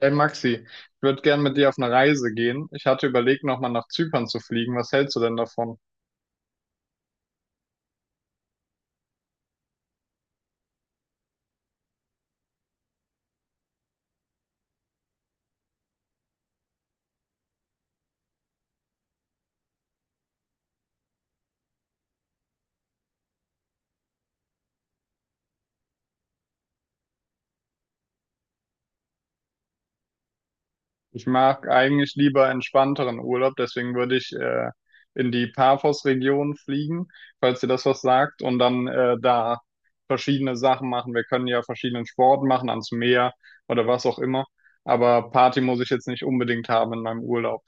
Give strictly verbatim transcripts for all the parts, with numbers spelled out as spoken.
Hey Maxi, ich würde gern mit dir auf eine Reise gehen. Ich hatte überlegt, nochmal nach Zypern zu fliegen. Was hältst du denn davon? Ich mag eigentlich lieber entspannteren Urlaub, deswegen würde ich äh, in die Paphos-Region fliegen, falls dir das was sagt, und dann äh, da verschiedene Sachen machen. Wir können ja verschiedenen Sport machen, ans Meer oder was auch immer. Aber Party muss ich jetzt nicht unbedingt haben in meinem Urlaub.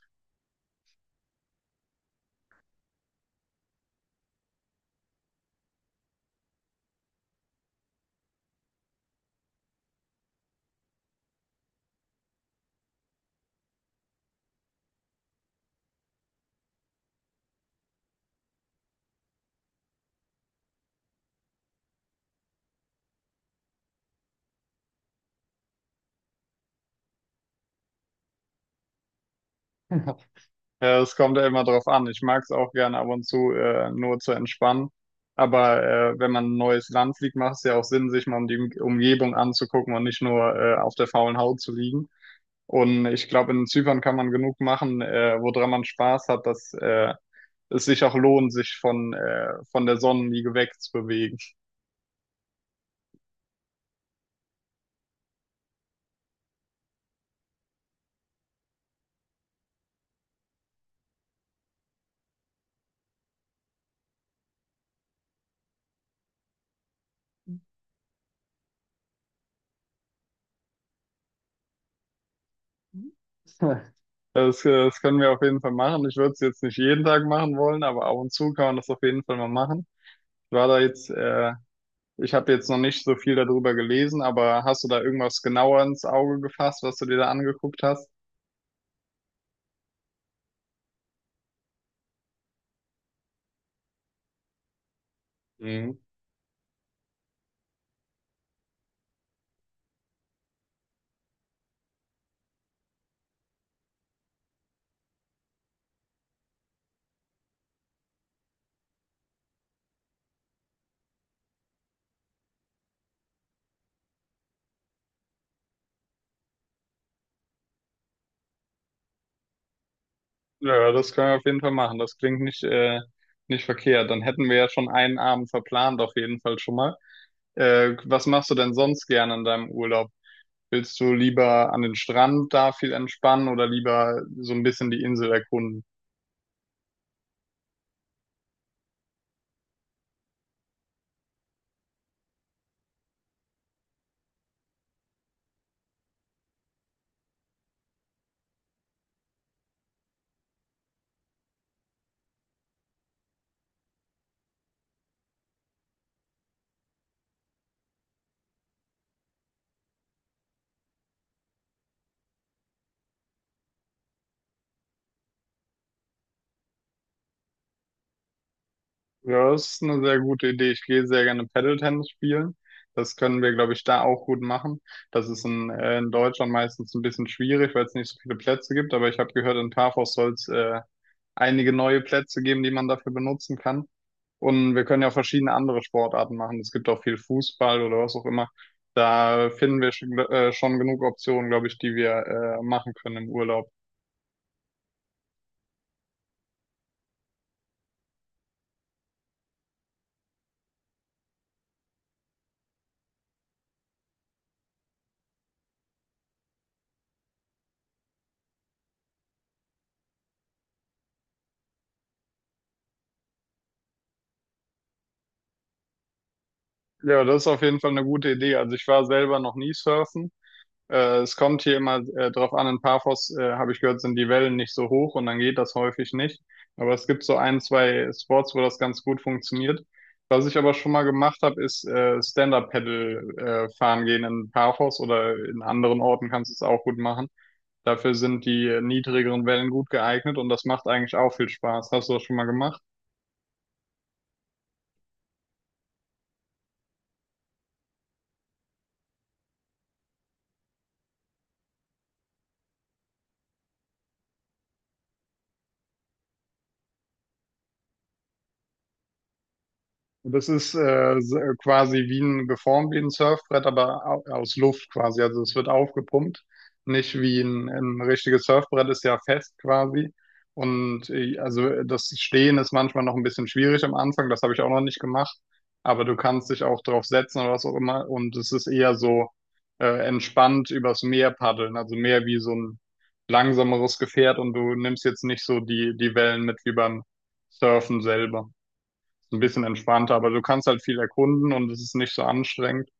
Ja, es kommt ja immer drauf an. Ich mag es auch gerne ab und zu äh, nur zu entspannen. Aber äh, wenn man ein neues Land fliegt, macht es ja auch Sinn, sich mal um die Um- Umgebung anzugucken und nicht nur äh, auf der faulen Haut zu liegen. Und ich glaube, in Zypern kann man genug machen, äh, woran man Spaß hat, dass äh, es sich auch lohnt, sich von, äh, von der Sonnenliege wegzubewegen. Das, äh, das können wir auf jeden Fall machen. Ich würde es jetzt nicht jeden Tag machen wollen, aber ab und zu kann man das auf jeden Fall mal machen. Ich war da jetzt äh, Ich habe jetzt noch nicht so viel darüber gelesen, aber hast du da irgendwas genauer ins Auge gefasst, was du dir da angeguckt hast? Mhm. Ja, das können wir auf jeden Fall machen. Das klingt nicht, äh, nicht verkehrt. Dann hätten wir ja schon einen Abend verplant, auf jeden Fall schon mal. Äh, was machst du denn sonst gerne in deinem Urlaub? Willst du lieber an den Strand da viel entspannen oder lieber so ein bisschen die Insel erkunden? Ja, das ist eine sehr gute Idee. Ich gehe sehr gerne Paddle-Tennis spielen. Das können wir, glaube ich, da auch gut machen. Das ist in, äh, in Deutschland meistens ein bisschen schwierig, weil es nicht so viele Plätze gibt. Aber ich habe gehört, in Parkhaus soll es äh, einige neue Plätze geben, die man dafür benutzen kann. Und wir können ja verschiedene andere Sportarten machen. Es gibt auch viel Fußball oder was auch immer. Da finden wir schon, äh, schon genug Optionen, glaube ich, die wir äh, machen können im Urlaub. Ja, das ist auf jeden Fall eine gute Idee. Also ich war selber noch nie surfen. Äh, es kommt hier immer äh, drauf an, in Paphos, äh, habe ich gehört, sind die Wellen nicht so hoch und dann geht das häufig nicht. Aber es gibt so ein, zwei Sports, wo das ganz gut funktioniert. Was ich aber schon mal gemacht habe, ist äh, Stand-Up-Paddle äh, fahren gehen in Paphos oder in anderen Orten kannst du es auch gut machen. Dafür sind die äh, niedrigeren Wellen gut geeignet und das macht eigentlich auch viel Spaß. Hast du das schon mal gemacht? Und das ist äh, s- äh, quasi wie ein geformt wie ein Surfbrett, aber au- aus Luft quasi. Also es wird aufgepumpt, nicht wie ein, ein richtiges Surfbrett ist ja fest quasi. Und äh, also das Stehen ist manchmal noch ein bisschen schwierig am Anfang, das habe ich auch noch nicht gemacht. Aber du kannst dich auch drauf setzen oder was auch immer. Und es ist eher so äh, entspannt übers Meer paddeln, also mehr wie so ein langsameres Gefährt und du nimmst jetzt nicht so die, die Wellen mit wie beim Surfen selber so ein bisschen entspannter, aber du kannst halt viel erkunden und es ist nicht so anstrengend.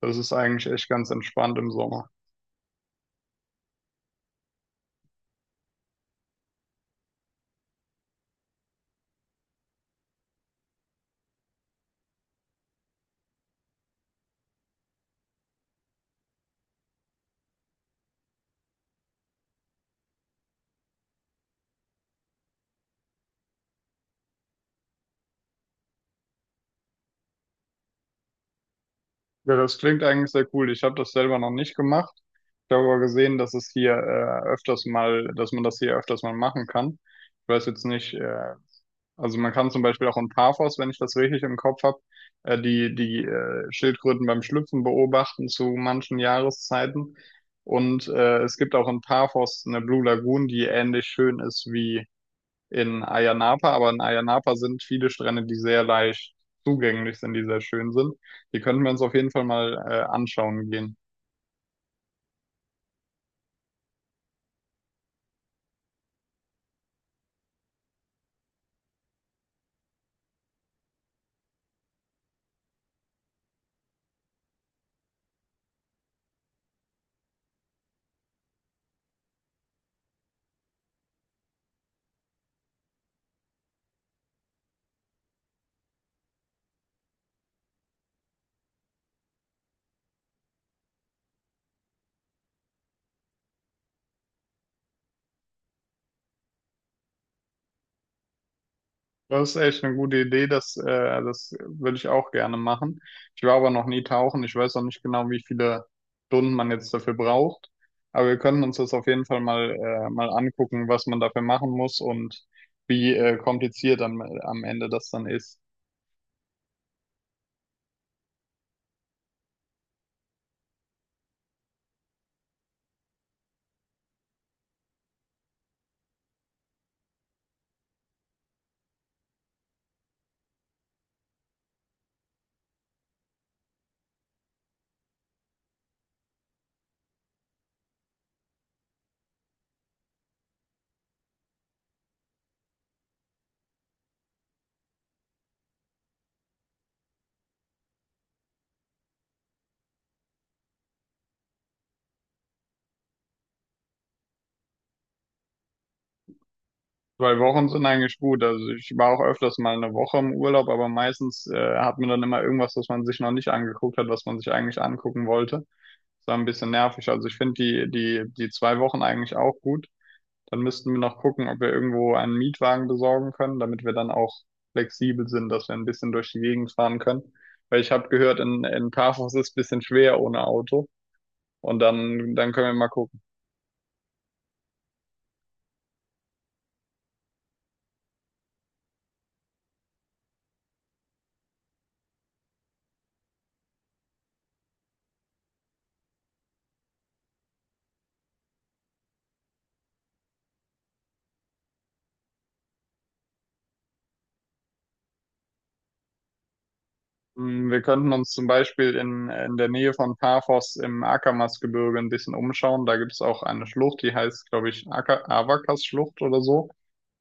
Das ist eigentlich echt ganz entspannt im Sommer. Ja, das klingt eigentlich sehr cool. Ich habe das selber noch nicht gemacht. Ich habe aber gesehen, dass es hier äh, öfters mal, dass man das hier öfters mal machen kann. Ich weiß jetzt nicht, äh, also man kann zum Beispiel auch in Paphos, wenn ich das richtig im Kopf habe, äh, die, die äh, Schildkröten beim Schlüpfen beobachten zu manchen Jahreszeiten. Und äh, es gibt auch in Paphos eine Blue Lagoon, die ähnlich schön ist wie in Ayia Napa, aber in Ayia Napa sind viele Strände, die sehr leicht zugänglich sind, die sehr schön sind. Die könnten wir uns auf jeden Fall mal äh, anschauen gehen. Das ist echt eine gute Idee, das, äh, das würde ich auch gerne machen. Ich war aber noch nie tauchen, ich weiß auch nicht genau, wie viele Stunden man jetzt dafür braucht, aber wir können uns das auf jeden Fall mal, äh, mal angucken, was man dafür machen muss und wie äh, kompliziert am, am Ende das dann ist. Zwei Wochen sind eigentlich gut. Also ich war auch öfters mal eine Woche im Urlaub, aber meistens äh, hat man dann immer irgendwas, was man sich noch nicht angeguckt hat, was man sich eigentlich angucken wollte. Das war ein bisschen nervig. Also ich finde die, die, die zwei Wochen eigentlich auch gut. Dann müssten wir noch gucken, ob wir irgendwo einen Mietwagen besorgen können, damit wir dann auch flexibel sind, dass wir ein bisschen durch die Gegend fahren können. Weil ich habe gehört, in, in Paphos ist es ein bisschen schwer ohne Auto. Und dann, dann können wir mal gucken. Hm, wir könnten uns zum Beispiel in, in der Nähe von Paphos im Akamas-Gebirge ein bisschen umschauen. Da gibt es auch eine Schlucht, die heißt, glaube ich, Aka- Avakas-Schlucht oder so.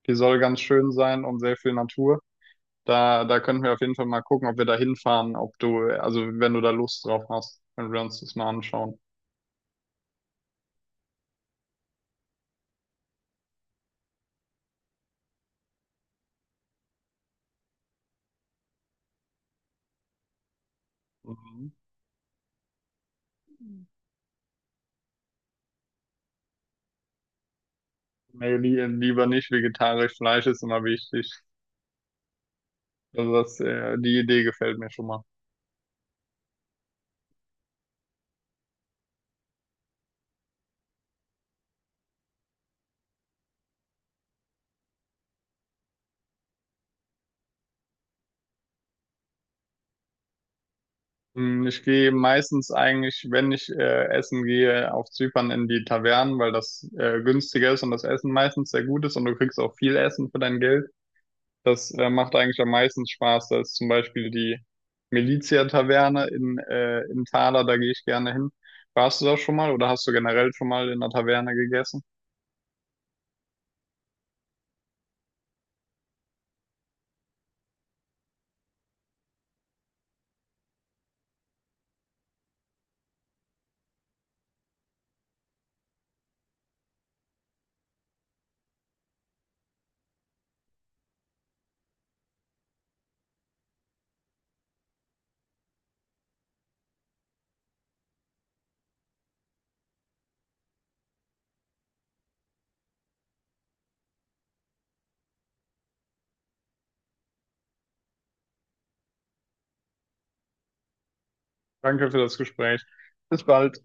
Die soll ganz schön sein und sehr viel Natur. Da, da könnten wir auf jeden Fall mal gucken, ob wir da hinfahren, ob du, also wenn du da Lust drauf hast, können wir uns das mal anschauen. Mhm. Nee, li lieber nicht. Vegetarisch, Fleisch ist immer wichtig. Also das, äh, die Idee gefällt mir schon mal. Hm, ich gehe meistens eigentlich, wenn ich äh, essen gehe, auf Zypern in die Tavernen, weil das äh, günstiger ist und das Essen meistens sehr gut ist und du kriegst auch viel Essen für dein Geld. Das äh, macht eigentlich am meisten Spaß. Da ist zum Beispiel die Milizia-Taverne in, äh, in Thaler, da gehe ich gerne hin. Warst du da schon mal oder hast du generell schon mal in einer Taverne gegessen? Danke für das Gespräch. Bis bald.